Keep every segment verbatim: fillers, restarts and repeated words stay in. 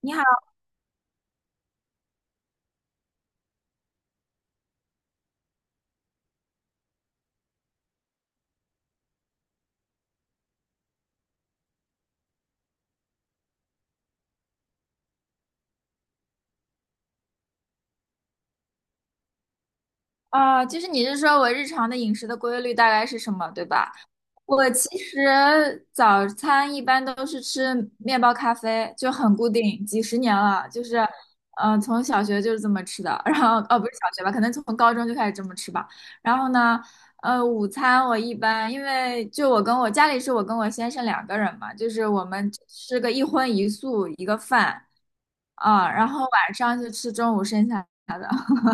你好。啊，就是你是说我日常的饮食的规律大概是什么，对吧？我其实早餐一般都是吃面包咖啡，就很固定，几十年了，就是，嗯，从小学就是这么吃的，然后，哦，不是小学吧，可能从高中就开始这么吃吧。然后呢，呃，午餐我一般因为就我跟我家里是我跟我先生两个人嘛，就是我们吃个一荤一素一个饭啊，然后晚上就吃中午剩下的。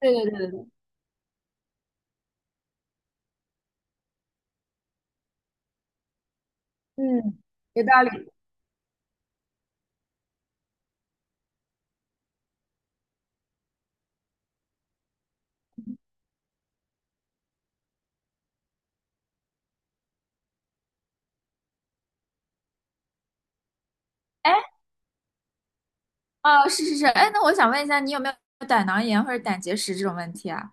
对对对对对。嗯，有道理。哎，哦，是是是，哎，那我想问一下，你有没有胆囊炎或者胆结石这种问题啊？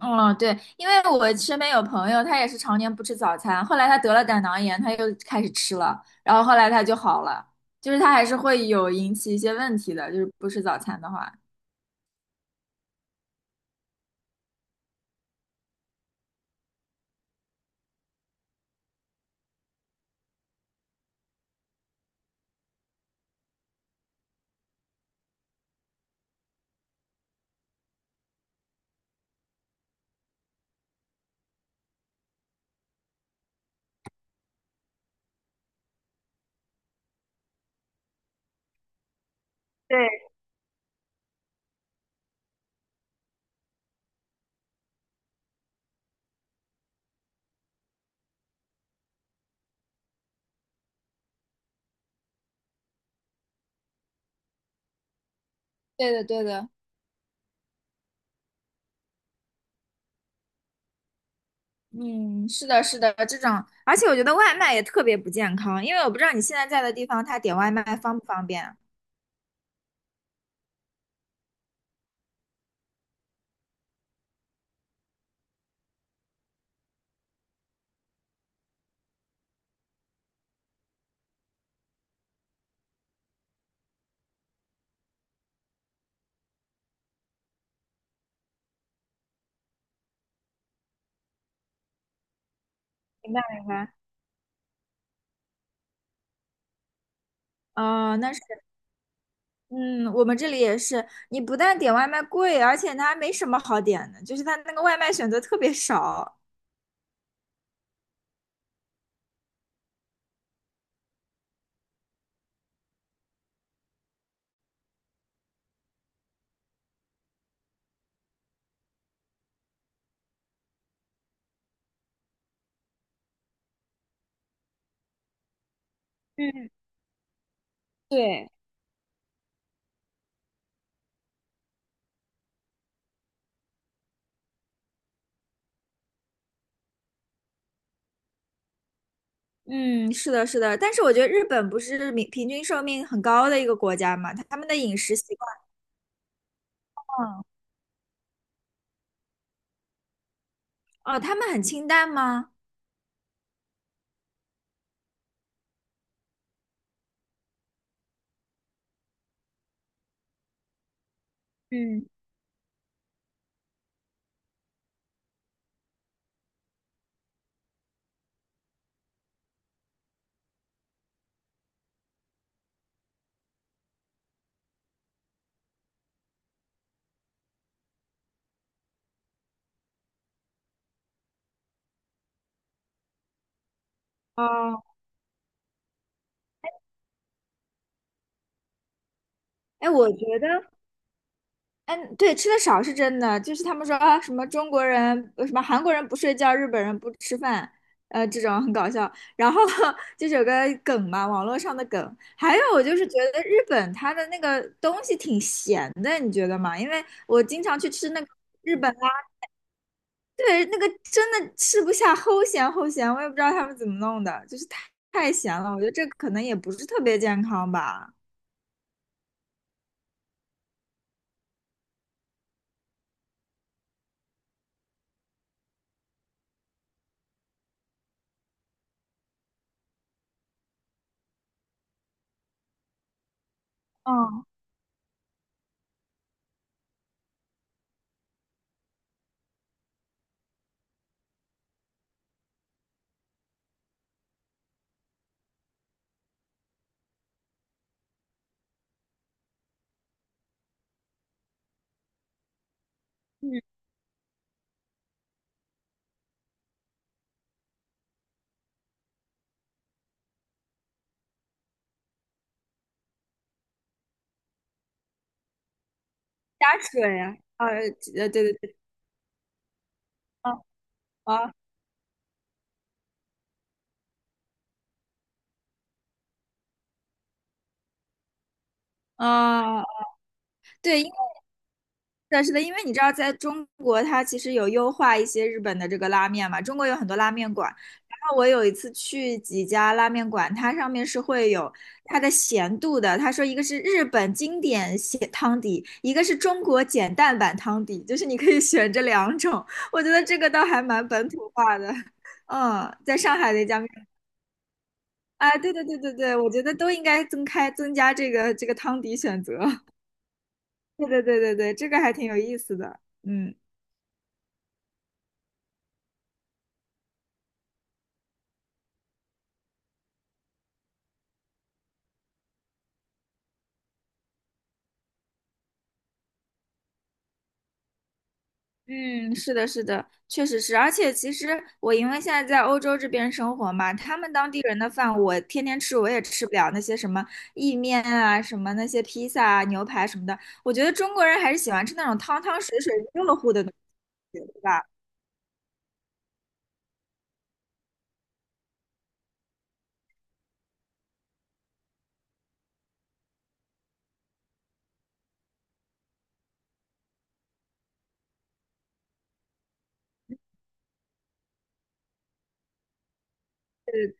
嗯，对，因为我身边有朋友，他也是常年不吃早餐，后来他得了胆囊炎，他又开始吃了，然后后来他就好了，就是他还是会有引起一些问题的，就是不吃早餐的话。对，对的，对的。嗯，是的，是的，这种。而且我觉得外卖也特别不健康，因为我不知道你现在在的地方，他点外卖方不方便啊？明白，明白。哦，那是。嗯，我们这里也是，你不但点外卖贵，而且它还没什么好点的，就是它那个外卖选择特别少。嗯，对。嗯，是的，是的，但是我觉得日本不是平平均寿命很高的一个国家嘛，他们的饮食习惯，嗯哦，他们很清淡吗？嗯，哦，哎，我觉得，嗯，对，吃的少是真的，就是他们说啊，什么中国人，呃什么韩国人不睡觉，日本人不吃饭，呃，这种很搞笑。然后 就是有个梗嘛，网络上的梗。还有，我就是觉得日本它的那个东西挺咸的，你觉得吗？因为我经常去吃那个日本啊。对，那个真的吃不下，齁咸齁咸，我也不知道他们怎么弄的，就是太太咸了。我觉得这可能也不是特别健康吧。嗯嗯，加水啊，呃，呃，对对对，嗯啊。啊，对，因为是的，因为你知道，在中国它其实有优化一些日本的这个拉面嘛，中国有很多拉面馆。然后我有一次去几家拉面馆，它上面是会有它的咸度的。他说一个是日本经典咸汤底，一个是中国简淡版汤底，就是你可以选这两种。我觉得这个倒还蛮本土化的。嗯，在上海的一家面，啊，对对对对对，我觉得都应该增开增加这个这个汤底选择。对对对对对，这个还挺有意思的。嗯。嗯，是的，是的，确实是。而且其实我因为现在在欧洲这边生活嘛，他们当地人的饭我天天吃，我也吃不了那些什么意面啊、什么那些披萨啊、牛排什么的。我觉得中国人还是喜欢吃那种汤汤水水、热乎的东西对吧。对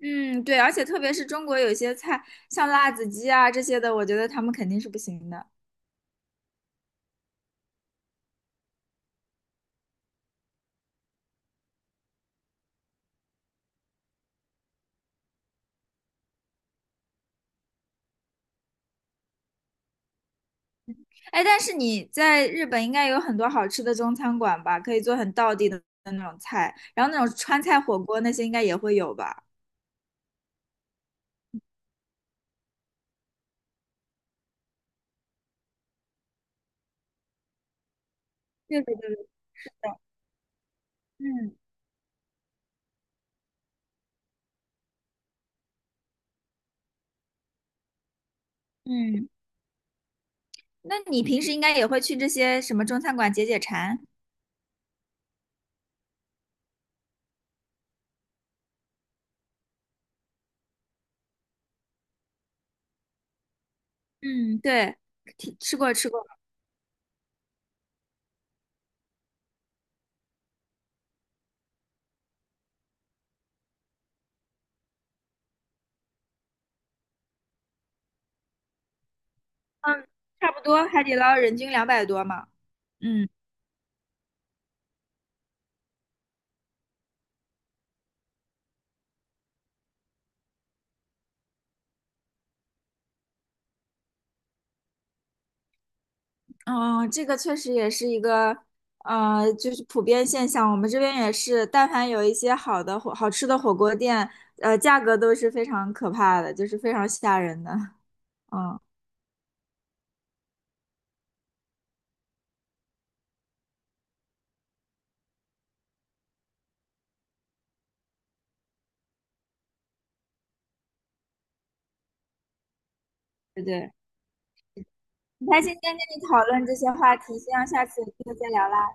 嗯，对，而且特别是中国有些菜，像辣子鸡啊这些的，我觉得他们肯定是不行的。哎，但是你在日本应该有很多好吃的中餐馆吧？可以做很道地的那种菜，然后那种川菜火锅那些应该也会有吧？对对对对，是的。嗯嗯，那你平时应该也会去这些什么中餐馆解解馋？嗯，对，吃吃过吃过。嗯，差不多海底捞人均两百多嘛。嗯。嗯，这个确实也是一个，呃，就是普遍现象。我们这边也是，但凡有一些好的火、好吃的火锅店，呃，价格都是非常可怕的，就是非常吓人的。嗯，对对。很开心今天跟你讨论这些话题，希望下次有机会再聊啦，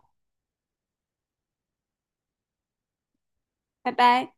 拜拜。